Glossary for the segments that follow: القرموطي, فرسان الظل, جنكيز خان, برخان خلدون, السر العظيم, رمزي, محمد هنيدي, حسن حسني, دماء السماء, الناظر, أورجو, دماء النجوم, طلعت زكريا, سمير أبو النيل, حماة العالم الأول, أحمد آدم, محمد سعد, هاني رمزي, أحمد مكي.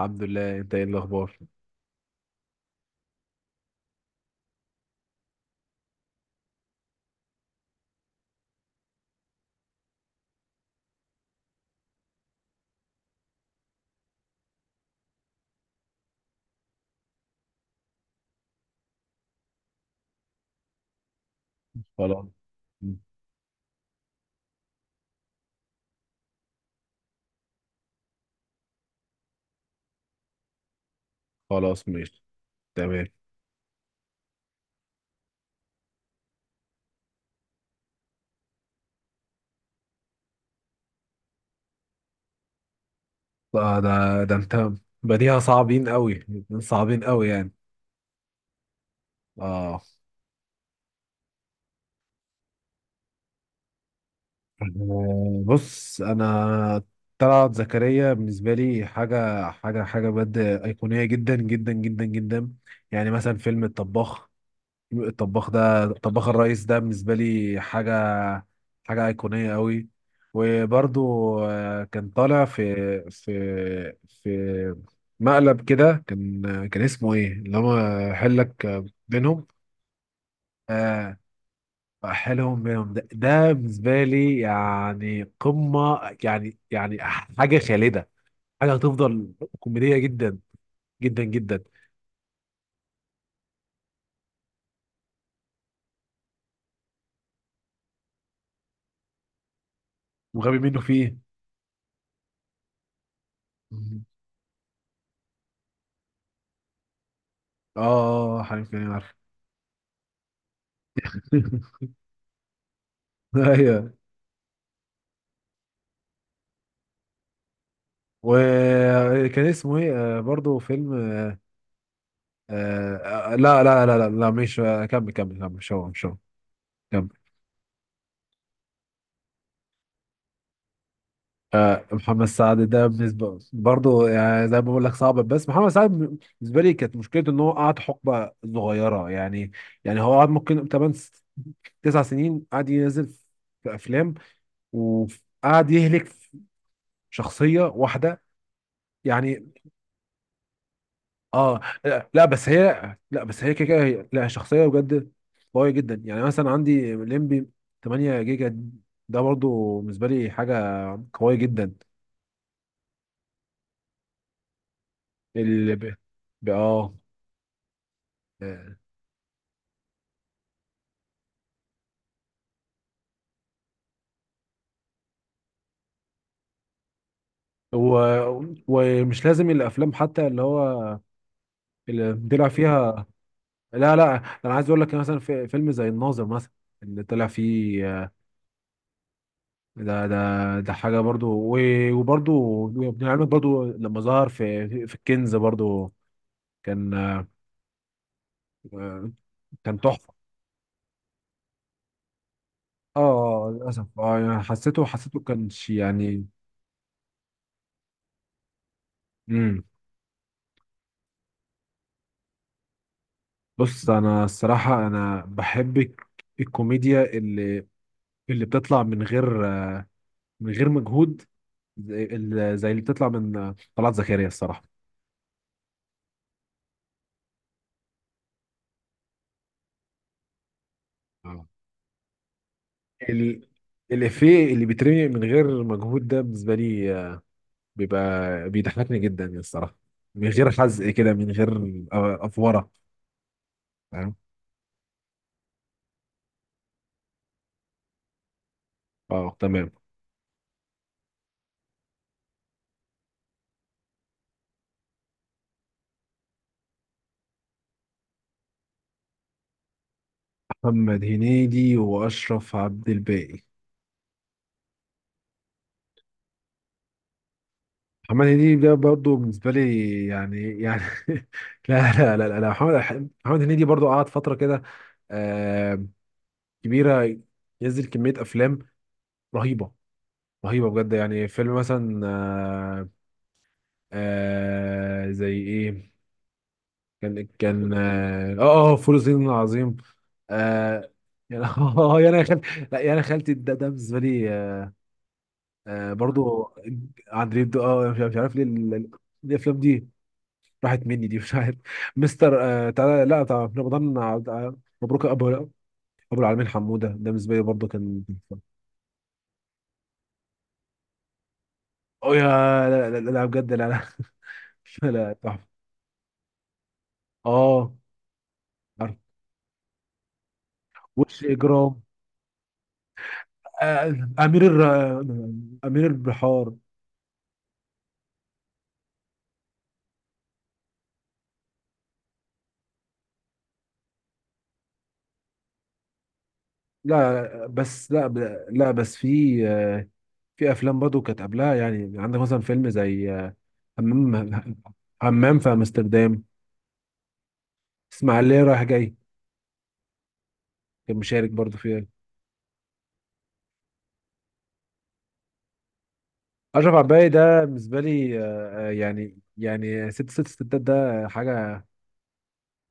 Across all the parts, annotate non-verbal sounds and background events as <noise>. الحمد لله، انت ايه الاخبار؟ خلاص. خلاص ماشي. تمام. آه ده ده انت بديها صعبين قوي. صعبين قوي، يعني. اه. بص انا طلعت زكريا بالنسبه لي حاجه حاجه حاجه بجد ايقونيه جدا جدا جدا جدا. يعني مثلا فيلم الطباخ. الطباخ ده الطباخ الرئيس ده بالنسبة لي حاجة أيقونية قوي. وبرضو كان طالع في في مقلب كده. كان كان اسمه ايه؟ اللي هو حلك بينهم. آه حلهم بينهم ده بالنسبة لي يعني قمة، يعني حاجة خالدة، حاجة هتفضل كوميدية جدا جدا جدا، وغبي منه فيه. مم. اه، حبيبي، انا عارف. <laughs> ايوه. وكان اسمه ايه؟ برضه فيلم. لا لا لا لا لا، مش كمل كمل كمل، مش هو. كمل. محمد سعد ده بالنسبة برضه يعني زي ما بقول لك صعب، بس محمد سعد بالنسبة لي كانت مشكلته ان هو قعد حقبة صغيرة يعني. يعني هو قعد ممكن 8 9 سنين قعد ينزل في افلام، وقعد يهلك في شخصية واحدة يعني. اه. لا لا، بس هي، كده كده لا، شخصيه بجد قويه جدا. يعني مثلا عندي ليمبي 8 جيجا، ده برضو بالنسبه لي حاجه قويه جدا. اللي ب... ب... اه آه، و... ومش لازم الافلام، حتى اللي هو اللي طلع فيها. لا لا، انا عايز اقول لك مثلا في فيلم زي الناظر مثلا، اللي طلع فيه. ده حاجه برضو. وبرضو وابن عمك، برضو لما ظهر في الكنز، برضو كان آه، كان تحفة. اه، للأسف. اه، يعني، حسيته، كانش يعني. امم. بص أنا الصراحة أنا بحب الكوميديا اللي بتطلع من غير مجهود، زي اللي بتطلع من طلعت زكريا، الصراحة. اه. ال... الإفيه اللي بيترمي من غير مجهود ده بالنسبة لي بيبقى بيضحكني جدا يعني، الصراحة، من غير حزق كده، من غير أفورة، فاهم. اه، تمام. محمد هنيدي وأشرف عبد الباقي. محمد هنيدي ده برضه بالنسبه لي يعني <laughs> لا لا لا لا، محمد هنيدي برضه قعد فتره كده، آه كبيره، ينزل كميه افلام رهيبه رهيبه بجد. يعني فيلم مثلا، زي ايه، كان فول الصين العظيم. آه يعني <laughs> اه، يعني انا خالتي، لا يعني انا خالتي ده بالنسبه لي برضه. اه مش عارف، ليه الافلام دي راحت مني دي، مش عارف. مستر تعالى، لا، طبعا رمضان مبروك ابو العالمين، حموده، ده بالنسبه لي برضه كان. او يا، لا لا لا, لا، بجد، لا لا. <laughs> لا لا، تحفه. اه، عارف، وش اجرام. آه امير الر... آه، امير البحار. لا لا، بس لا، لا بس في في افلام برضه كانت قبلها، يعني عندك مثلا فيلم زي همام. همام في امستردام، اسماعيليه رايح جاي، كان مشارك برضه فيها. اشرف عباية ده بالنسبه لي يعني ست ست ستات، ده حاجه.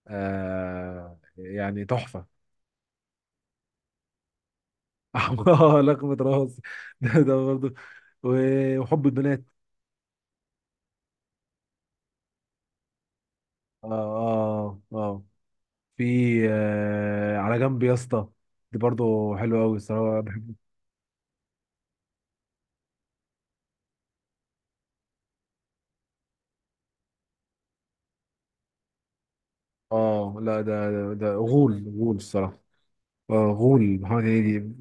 يعني تحفه. <laughs> لقمة راس. <laughs> ده برضه، وحب البنات. اه، اه، اه. في على جنب يا اسطى، دي برضه حلوه قوي الصراحه، بحب. اه، لا، ده غول. غول الصراحه. اه، غول. محمد هنيدي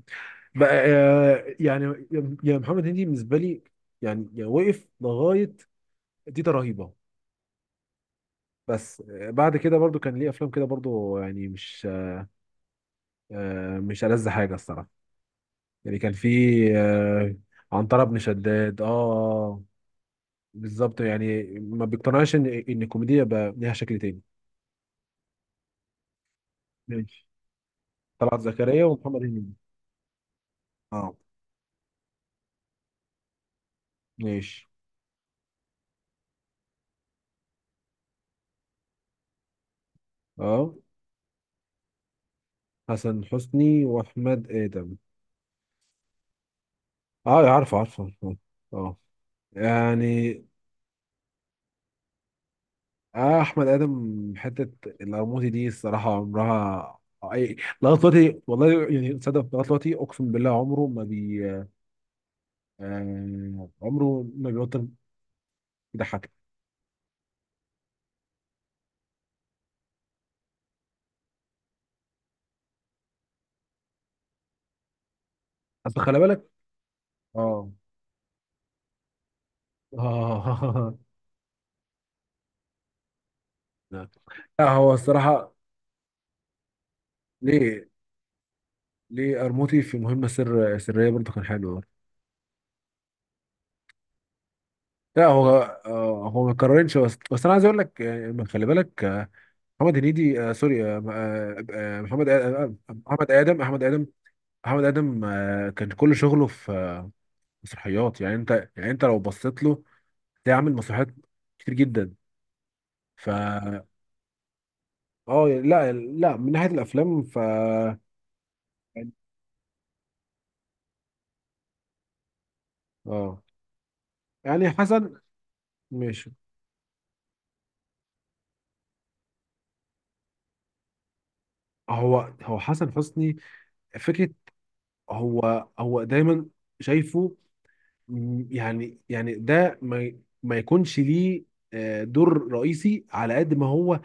بقى يعني، يا محمد هنيدي بالنسبه لي، يعني وقف لغايه تيتا، رهيبه. بس بعد كده برضو كان ليه افلام كده برضو، يعني مش ألذ حاجه الصراحه. يعني كان في آه، عنترة بن شداد. اه، بالظبط، يعني ما بيقتنعش ان الكوميديا بقى ليها شكل تاني. ماشي، طلعت زكريا ومحمد هنيدي. اه. ماشي. اه. حسن حسني واحمد ادم. اه، عارفه عارفه. اه. آه. يعني، اه، احمد ادم، حته القرموطي دي، الصراحه، عمرها اي لغايه دلوقتي، والله يعني، تصدق لغايه دلوقتي اقسم بالله عمره ما عمره ما بيبطل يضحك. اصل خلي بالك. اه، اه. <laughs> لا لا، هو الصراحه ليه ليه، قرموطي في مهمه سريه برضه كان حلو. لا هو. هو ما يتكررش، بس انا عايز اقول لك، خلي بالك، آه، محمد هنيدي آه سوري آه آه، آه، محمد آه، آه، محمد ادم احمد ادم. محمد آدم كان كل شغله في مسرحيات. يعني انت، يعني انت لو بصيت له تلاقيه عامل مسرحيات كتير جدا، ف اه لا لا، من ناحية الافلام، ف اه يعني حسن، ماشي. هو حسن حسني فكرة، هو هو دايما شايفه، يعني، يعني ده ما ما يكونش ليه دور رئيسي، على قد ما هو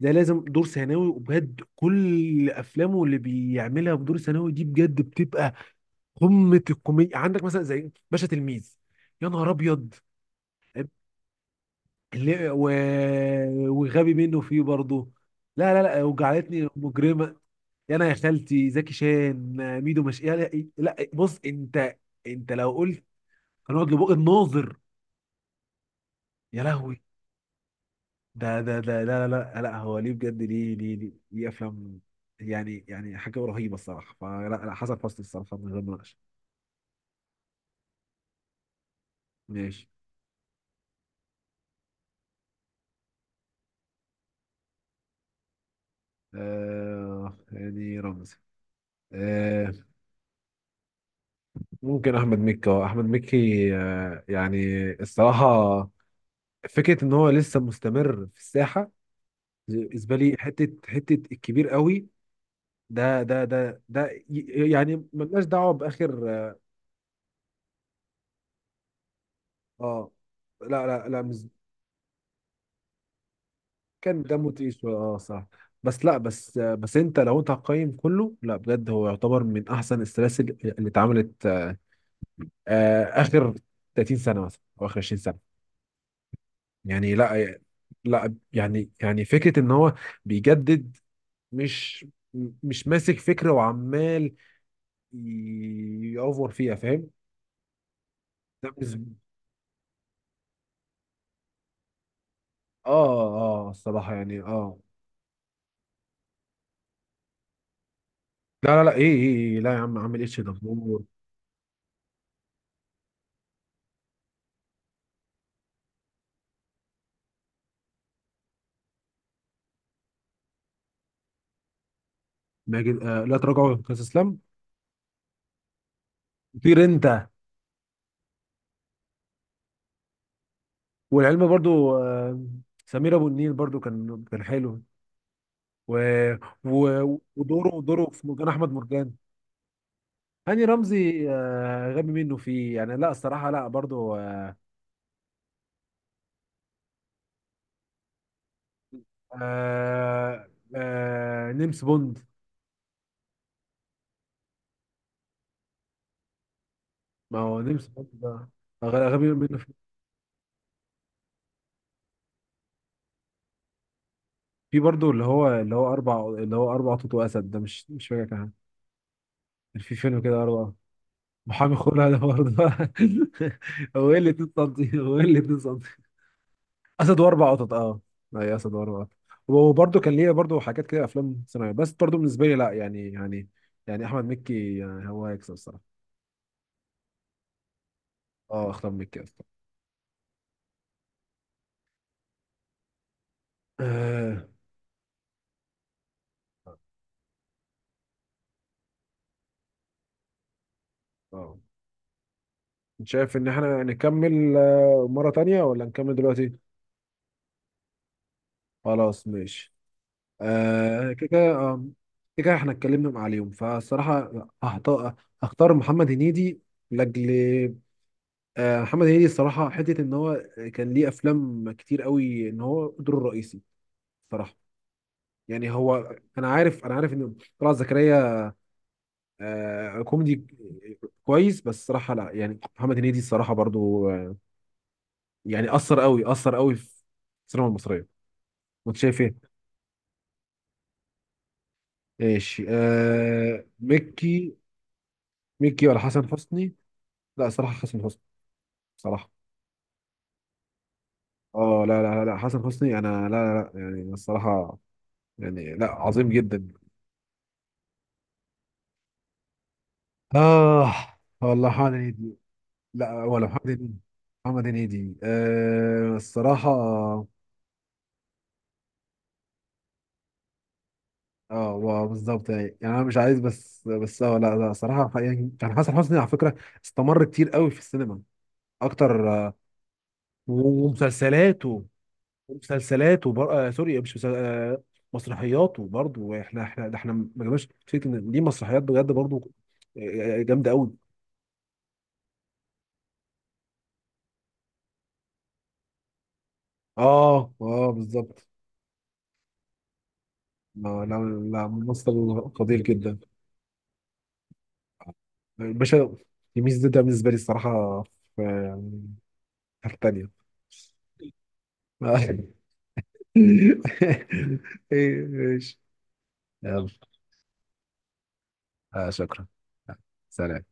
ده لازم دور ثانوي. وبجد كل افلامه اللي بيعملها بدور ثانوي دي بجد بتبقى قمه الكوميديا. عندك مثلا زي باشا تلميذ، يا نهار ابيض، اللي- و... وغبي منه فيه برضه، لا لا لا، وجعلتني مجرمه، يا انا يا خالتي، زكي شان ميدو، مش، يا لا, لا بص، انت، انت لو قلت هنقعد لبق الناظر، يا لهوي، ده لا لا لا لا، هو ليه بجد ليه، ليه افلام، يعني، يعني حاجه رهيبه الصراحه. فلا لا، حسن حسني الصراحه من غير مناقشه. ماشي. آه يعني رمزي آه ممكن احمد مكي. اه، احمد مكي يعني الصراحه فكره ان هو لسه مستمر في الساحه، بالنسبه لي حته، حته الكبير قوي. يعني ملناش دعوه باخر. اه. آه، لا لا لا، مش كان دمه تقيل شويه. اه، صح. بس لا، بس انت لو انت هتقيم كله، لا بجد، هو يعتبر من احسن السلاسل اللي اتعملت اخر 30 سنه مثلا، او اخر 20 سنه، يعني. لا لا، يعني، يعني فكره ان هو بيجدد، مش ماسك فكرة وعمال يأوفر فيها، فاهم. ده بالنسبة اه، اه، الصراحة يعني اه. لا لا لا، ايه ايه، إيه، لا يا عم، عامل اتش دبور. ماجد. لا تراجعوا يا كاس اسلام. طير انت. والعلم برضو. سمير ابو النيل برضو كان كان حلو. و... ودوره، دوره في مرجان احمد مرجان. هاني رمزي غبي منه فيه يعني، لا، الصراحة لا، برضو. آه آه، نيمس بوند. ما هو نمسك برضه ده. غبي غبي منه في. في برضه اللي هو، اللي هو اربع قطط واسد ده، مش، مش فاكر كان كان في فيلم كده اربع. محامي خلع ده برضه. <laughs> هو ايه اللي 2 سم؟ <laughs> هو ايه اللي 2 سم؟ اسد واربع قطط. اه، اي، اسد واربع قطط، وبرضه كان ليه برضه حاجات كده، افلام ثانويه، بس برضه بالنسبه لي لا، يعني، يعني يعني احمد مكي يعني هو هيكسب الصراحه. اه، اختار مكي اصلا. اه. آه. شايف ان احنا نكمل مره تانية ولا نكمل دلوقتي؟ خلاص ماشي. آه كده كده آه، كده كده احنا اتكلمنا عليهم فالصراحة هحط- هختار محمد هنيدي، لأجل محمد هنيدي الصراحة، حتة إن هو كان ليه أفلام كتير قوي إن هو دوره الرئيسي صراحة. يعني هو، أنا عارف، إن طلعت زكريا كوميدي كويس، بس الصراحة لا يعني، محمد هنيدي الصراحة برضو، يعني أثر قوي، أثر قوي في السينما المصرية. وأنت شايف إيه؟ ماشي. آه، مكي. مكي ولا حسن حسني؟ لا، صراحة حسن حسني، بصراحة. اه، لا لا لا، حسن حسني، انا لا لا لا، يعني الصراحة، يعني لا، عظيم جدا. اه، والله محمد هنيدي. لا، ولا محمد هنيدي. محمد هنيدي الصراحة. اه، بالظبط، يعني، يعني انا مش عايز، بس بس اه، لا لا، صراحة يعني كان حسن حسني على فكرة استمر كتير قوي في السينما، اكتر ومسلسلاته، مسلسلات وبر... آه سوري مش مسل... آه مسرحيات، وبرضه احنا، احنا ده احنا ما جبناش فكرة ان دي مسرحيات، بجد برضه جامدة قوي. اه، اه، بالظبط. لا لا، لا، ممثل قدير جدا باشا، يميز. ده بالنسبة لي الصراحة في يعني حتة تانية. <laughs> ايه ايش. يلا. شكرا. سلام.